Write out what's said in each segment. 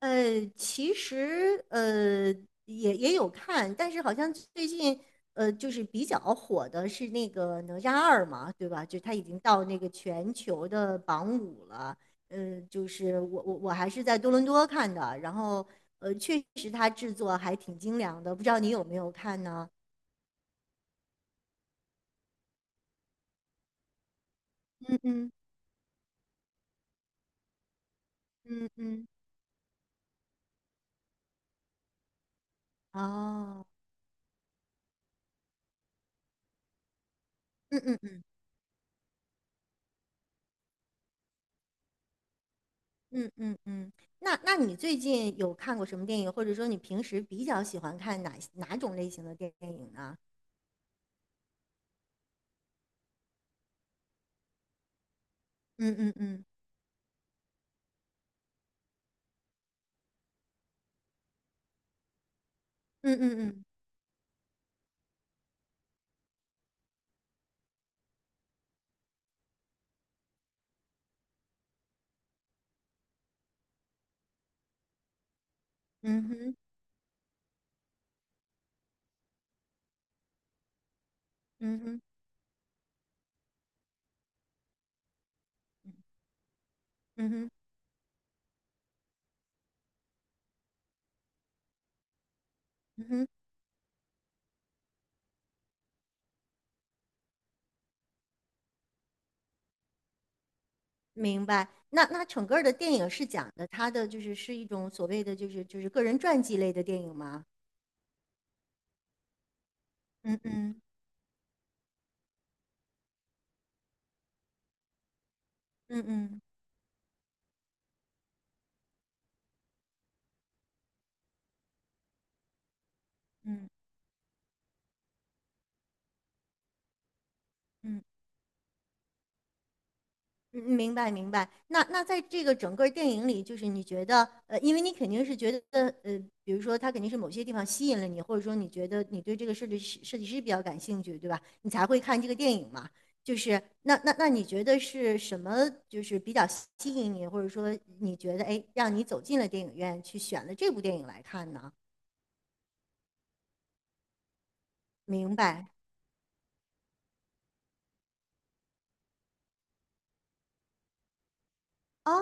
其实也有看，但是好像最近就是比较火的是那个哪吒2嘛，对吧？就他已经到那个全球的榜五了。就是我还是在多伦多看的，然后确实它制作还挺精良的，不知道你有没有看呢？嗯嗯嗯嗯，哦，嗯嗯嗯。嗯嗯嗯，那你最近有看过什么电影，或者说你平时比较喜欢看哪种类型的电影呢？嗯嗯嗯嗯嗯嗯嗯哼，嗯哼，嗯哼，嗯哼，明白。那整个儿的电影是讲的他的就是是一种所谓的就是个人传记类的电影吗？嗯嗯嗯嗯嗯嗯。嗯，明白明白。那在这个整个电影里，就是你觉得，因为你肯定是觉得，比如说他肯定是某些地方吸引了你，或者说你觉得你对这个设计师比较感兴趣，对吧？你才会看这个电影嘛。就是那你觉得是什么，就是比较吸引你，或者说你觉得，哎，让你走进了电影院去选了这部电影来看呢？明白。哦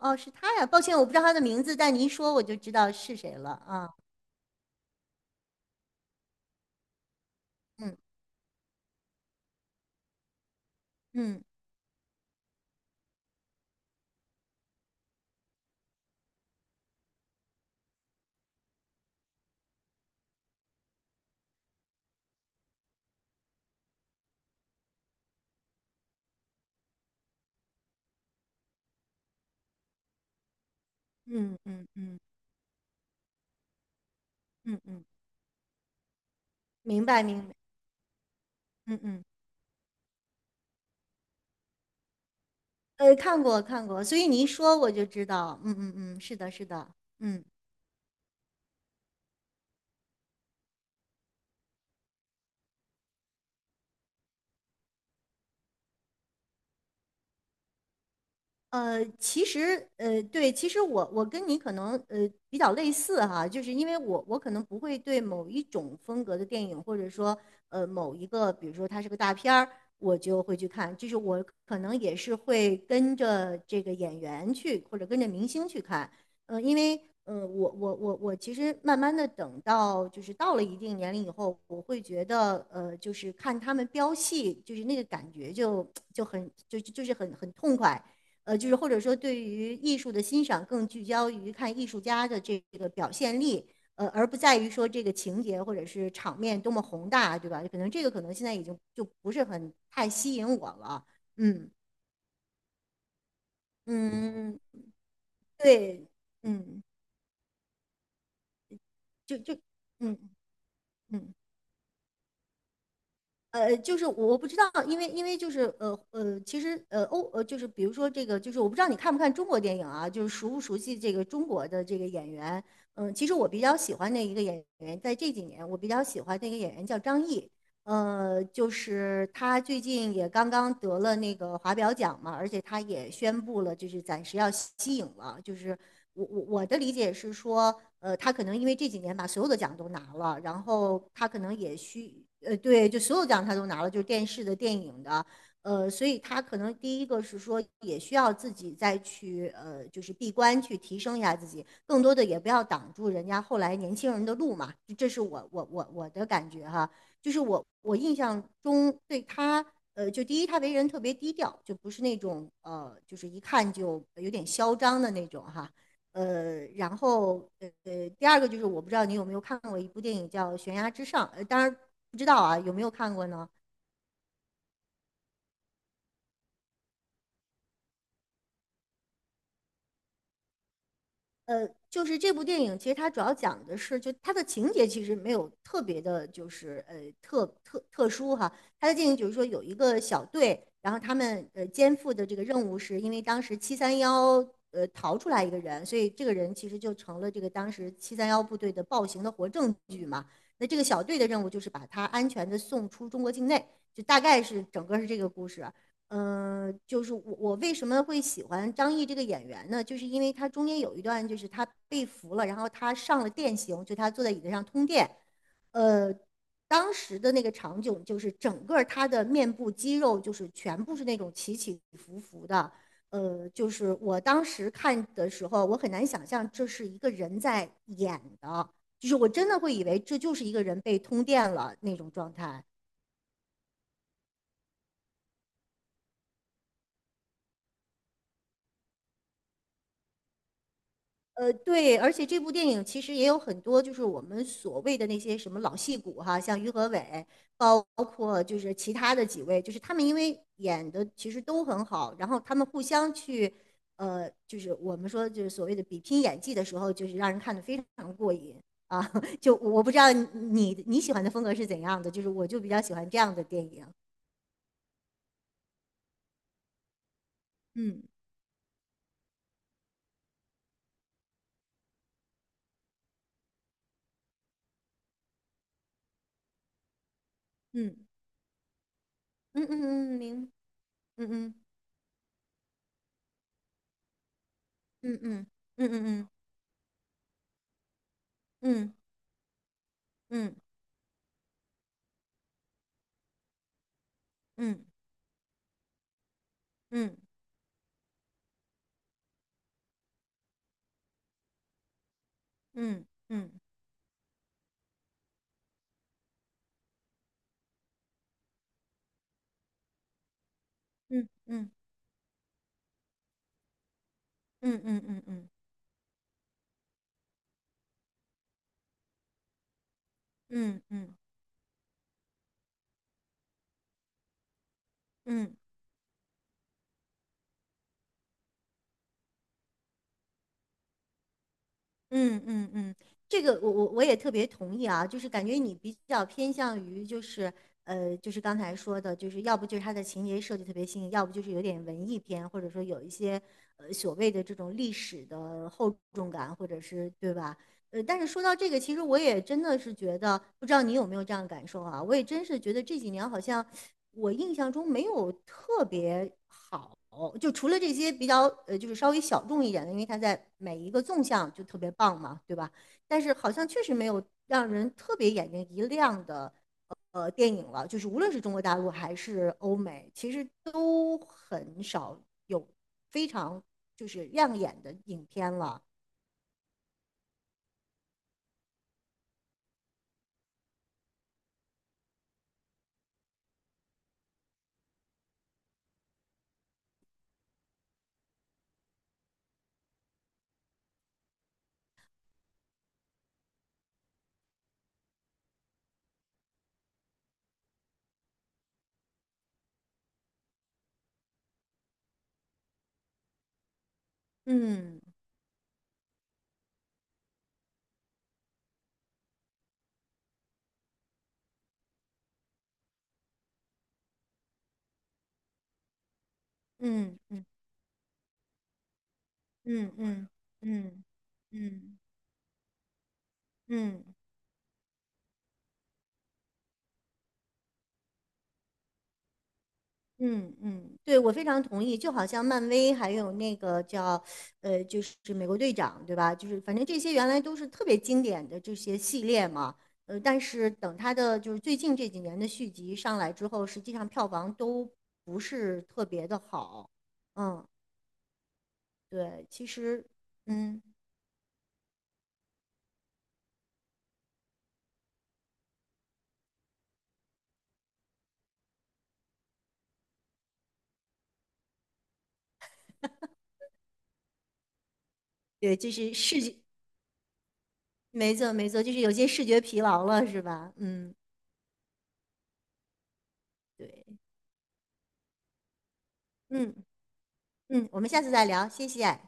哦，是他呀。抱歉，我不知道他的名字，但你一说我就知道是谁了啊。嗯嗯嗯嗯嗯。嗯嗯，明白明白，嗯嗯，看过看过，所以你一说我就知道，嗯嗯嗯，是的，是的，嗯。其实，对，其实我跟你可能比较类似哈，就是因为我可能不会对某一种风格的电影，或者说某一个，比如说它是个大片儿，我就会去看，就是我可能也是会跟着这个演员去，或者跟着明星去看，因为我其实慢慢的等到就是到了一定年龄以后，我会觉得就是看他们飙戏，就是那个感觉就 就很就是很痛快。就是或者说对于艺术的欣赏更聚焦于看艺术家的这个表现力，而不在于说这个情节或者是场面多么宏大，对吧？可能现在已经就不是很太吸引我了。嗯嗯，对，嗯，就就嗯嗯。就是我不知道，因为就是其实呃欧呃就是比如说这个，就是我不知道你看不看中国电影啊，就是熟不熟悉这个中国的这个演员。嗯，其实我比较喜欢的一个演员，在这几年我比较喜欢的一个演员叫张译，就是他最近也刚刚得了那个华表奖嘛，而且他也宣布了，就是暂时要息影了。就是我的理解是说，他可能因为这几年把所有的奖都拿了，然后他可能对，就所有奖他都拿了，就是电视的、电影的，所以他可能第一个是说，也需要自己再去，就是闭关去提升一下自己，更多的也不要挡住人家后来年轻人的路嘛，这是我的感觉哈。就是我印象中对他，就第一他为人特别低调，就不是那种就是一看就有点嚣张的那种哈。然后第二个就是我不知道你有没有看过一部电影叫《悬崖之上》，当然不知道啊，有没有看过呢？就是这部电影，其实它主要讲的是，就它的情节其实没有特别的，就是特殊哈。它的电影就是说有一个小队，然后他们肩负的这个任务是，因为当时七三幺逃出来一个人，所以这个人其实就成了这个当时七三幺部队的暴行的活证据嘛。那这个小队的任务就是把他安全的送出中国境内，就大概是整个是这个故事。就是我为什么会喜欢张译这个演员呢？就是因为他中间有一段，就是他被俘了，然后他上了电刑，就他坐在椅子上通电，呃，当时的那个场景就是整个他的面部肌肉就是全部是那种起起伏伏的，就是我当时看的时候，我很难想象这是一个人在演的，就是我真的会以为这就是一个人被通电了那种状态。对，而且这部电影其实也有很多，就是我们所谓的那些什么老戏骨哈，像于和伟，包括就是其他的几位，就是他们因为演的其实都很好，然后他们互相去，就是我们说就是所谓的比拼演技的时候，就是让人看的非常过瘾啊。就我不知道你喜欢的风格是怎样的，就是我就比较喜欢这样的电影。嗯嗯嗯嗯嗯，嗯嗯嗯嗯嗯嗯嗯嗯嗯嗯嗯。嗯嗯嗯嗯嗯嗯嗯嗯嗯嗯嗯嗯嗯嗯。这个我也特别同意啊，就是感觉你比较偏向于就是就是刚才说的，就是要不就是它的情节设计特别新颖，要不就是有点文艺片，或者说有一些所谓的这种历史的厚重感，或者是对吧？但是说到这个，其实我也真的是觉得，不知道你有没有这样的感受啊？我也真是觉得这几年好像我印象中没有特别。好。哦，就除了这些比较就是稍微小众一点的，因为它在每一个纵向就特别棒嘛，对吧？但是好像确实没有让人特别眼睛一亮的电影了，就是无论是中国大陆还是欧美，其实都很少有非常就是亮眼的影片了。嗯嗯嗯嗯嗯嗯嗯嗯。嗯嗯嗯嗯嗯，对，我非常同意。就好像漫威还有那个叫，就是美国队长，对吧？就是反正这些原来都是特别经典的这些系列嘛。但是等他的就是最近这几年的续集上来之后，实际上票房都不是特别的好。嗯，对，其实，嗯，对，就是视觉，没错没错，就是有些视觉疲劳了，是吧？嗯，对，嗯嗯，我们下次再聊，谢谢。